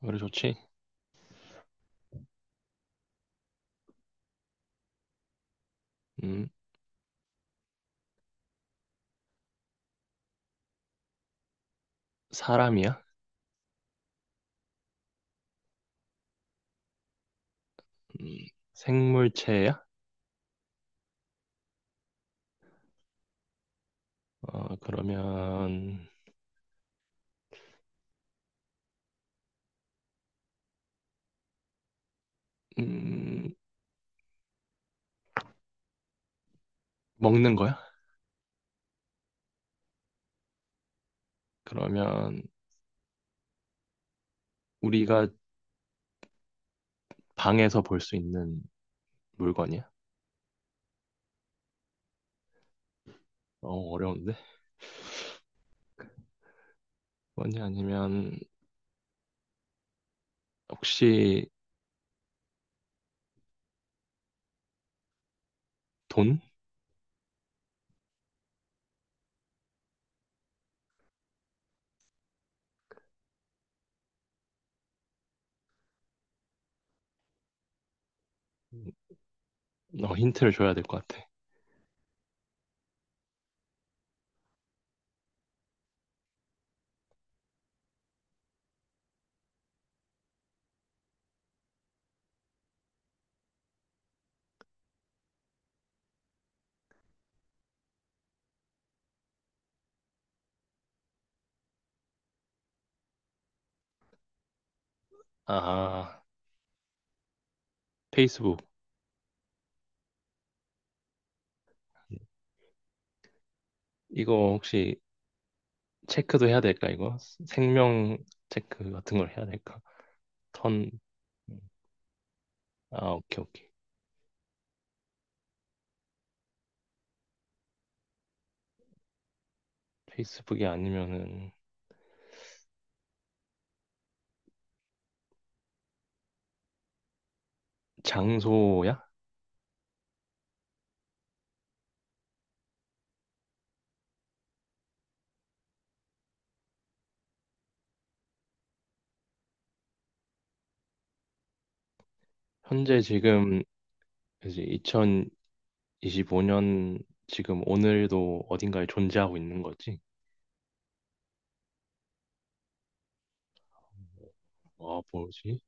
그래 좋지. 음, 사람이야? 음, 생물체야? 그러면 음, 먹는 거야? 그러면 우리가 방에서 볼 수 있는 물건이야? 어려운데. 뭐지? 아니면 혹시 돈? 음, 힌트를 줘야 될 것 같아. 아, 페이스북. 이거 혹시 체크도 해야 될까, 이거? 생명 체크 같은 걸 해야 될까? 턴. 아, 오케이, 오케이. 페이스북이 아니면은 장소야? 현재 지금 이제 2025년 지금 오늘도 어딘가에 존재하고 있는 거지? 아, 뭐지?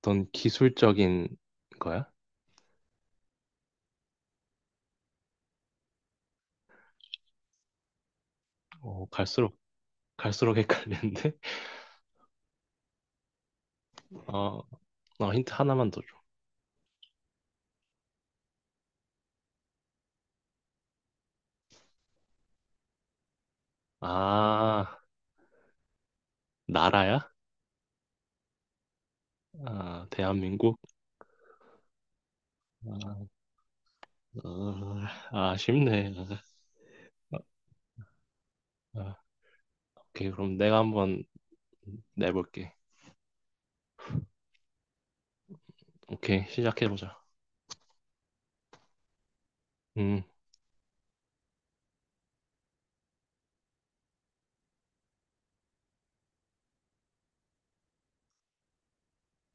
어떤 기술적인 거야? 어, 갈수록 갈수록 헷갈리는데? 어, 힌트 하나만 더 줘. 아, 나라야? 아, 대한민국? 아, 어, 쉽네. 아, 오케이, 그럼 내가 한번 내볼게. 오케이, 시작해보자. 음,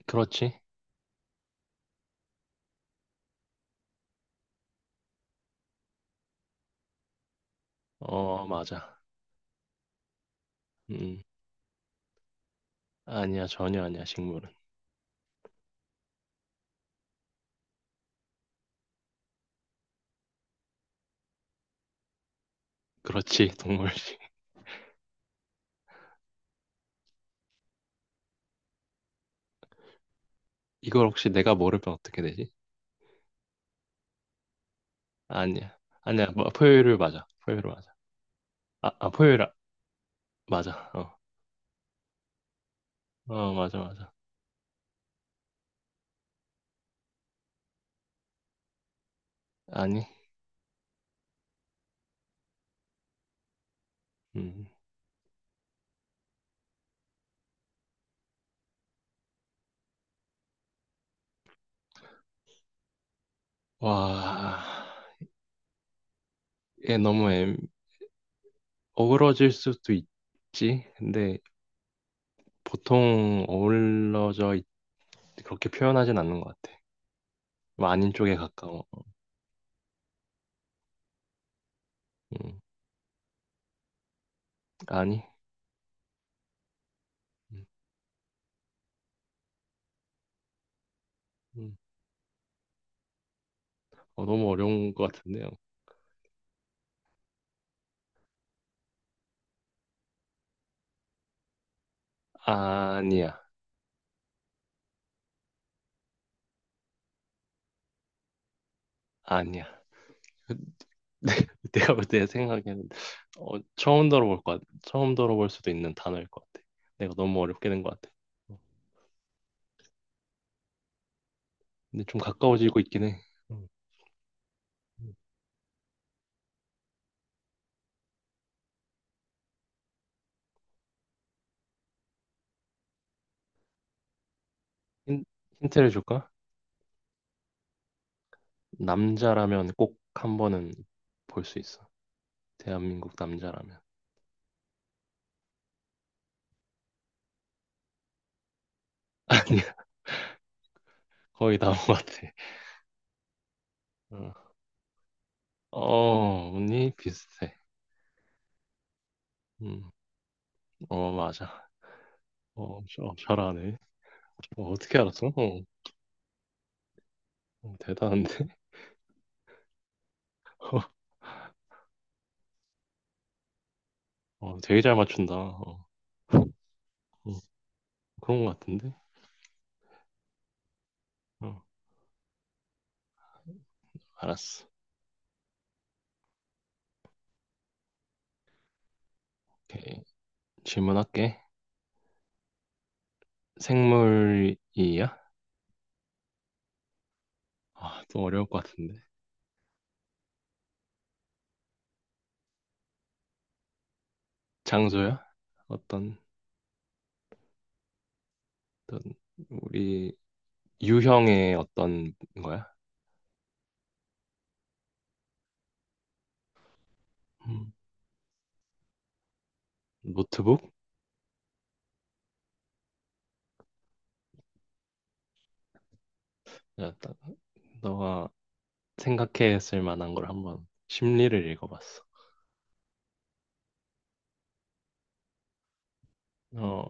그렇지. 어, 맞아. 음, 아니야, 전혀 아니야, 식물은. 그렇지, 동물식. 이걸 혹시 내가 모르면 어떻게 되지? 아니야. 아니야, 뭐, 포유류 맞아. 포유류 맞아. 아, 아, 포유류, 아- 맞아. 맞아, 맞아. 아니, 음. 와, 얘 너무 애, 어우러질 수도 있지. 근데 보통 어우러져, 있- 그렇게 표현하진 않는 것 같아. 뭐 아닌 쪽에 가까워. 음, 아니. 음, 음. 어, 너무 어려운 것 같은데요. 아니야, 아니야. 네, 내가 볼 때 생각에는 어, 처음 들어볼 것 같아. 처음 들어볼 수도 있는 단어일 것 같아. 내가 너무 어렵게 된 것 같아. 어, 근데 좀 가까워지고 있긴 해. 음, 음. 힌, 힌트를 줄까? 남자라면 꼭 한 번은 볼 수 있어. 대한민국 남자라면. 아니야, 거의 다 온 것 같아. 어, 언니 비슷해. 음, 어, 맞아. 어, 잘하네. 어, 어떻게 알았어? 대단한데? 어, 되게 잘 맞춘다. 어, 그런 것 같은데? 어. 알았어. 오케이. 질문할게. 생물이야? 아, 또 어려울 것 같은데. 장소야? 어떤, 어떤, 우리 유형의 어떤 거야? 음, 노트북? 야, 나- 너가 생각했을 만한 걸 한번 심리를 읽어봤어. 어,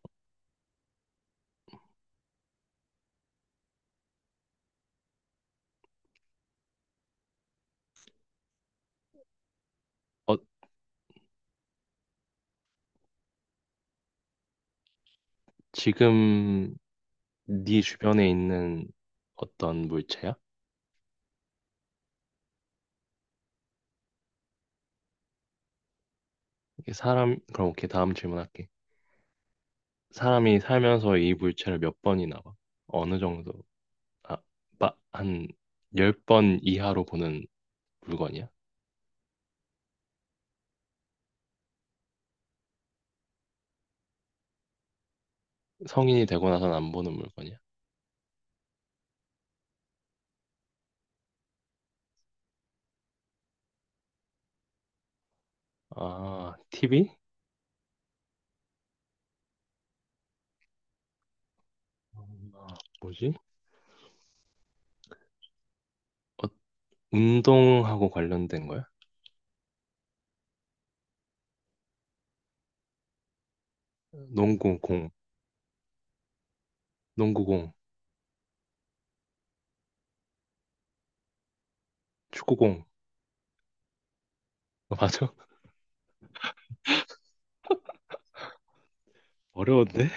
어, 지금 네 주변에 있는 어떤 물체야? 이게 사람, 그럼 오케이, 다음 질문할게. 사람이 살면서 이 물체를 몇 번이나 봐? 어느 정도? 아, 한 10번 이하로 보는 물건이야? 성인이 되고 나선 안 보는 물건이야? 아, TV? 아, 뭐지? 어, 운동하고 관련된 거야? 농구 공, 농구 공, 축구 공. 어, 맞아? 어려운데?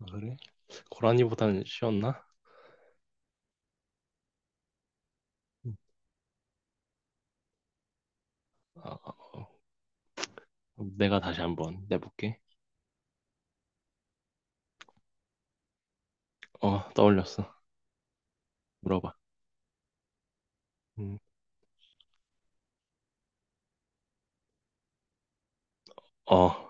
아, 그래? 고라니보다는 쉬웠나? 음. 아, 어, 내가 다시 한번 내볼게. 어, 떠올렸어. 물어봐. 음, 어,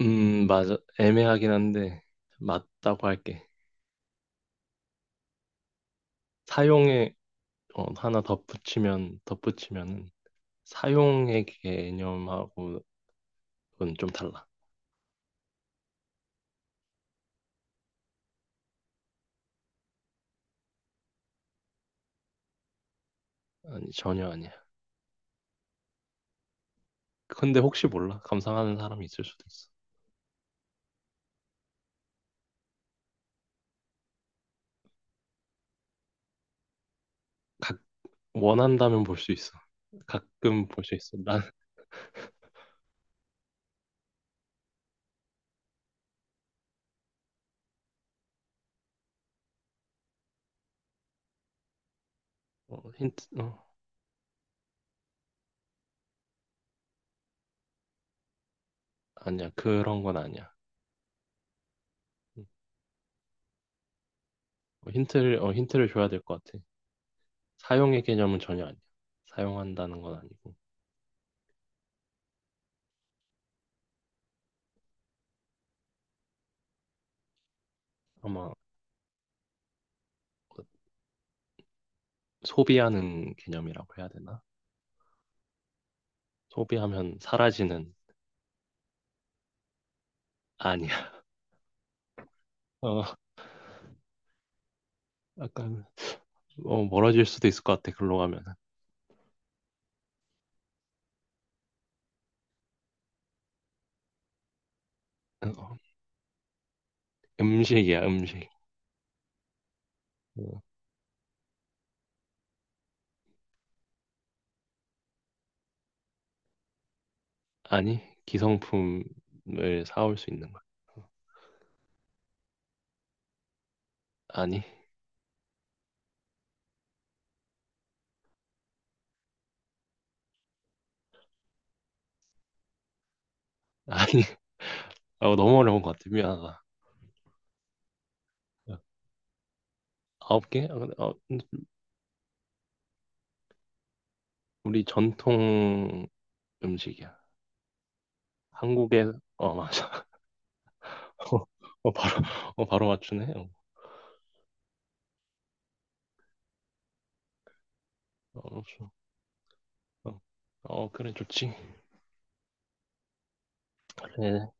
맞아. 애매하긴 한데, 맞다고 할게. 사용에 덧붙이면은 사용의 개념하고는 좀 달라. 아니, 전혀 아니야. 근데 혹시 몰라. 감상하는 사람이 있을 수도 있어. 원한다면 볼 수 있어. 가끔 볼 수 있어. 어, 힌트, 어, 아니야. 그런 건 아니야. 힌트를 줘야 될 것 같아. 사용의 개념은 전혀 아니야. 사용한다는 건 아니고. 아마 소비하는 개념이라고 해야 되나? 소비하면 사라지는, 아니야. 어, 약간, 멀어질 수도 있을 것 같아. 글로 가면. 어, 음식이야, 음식. 어, 아니, 기성품을 사올 수 있는 거야. 아니, 아니, 어, 너무 어려운 것 같아. 미안하다. 어, 아홉 개? 근데 우리 전통 음식이야. 한국에, 어, 맞아. 어, 바로, 바로 맞추네. 어, 어 어, 그래, 좋지. 그래,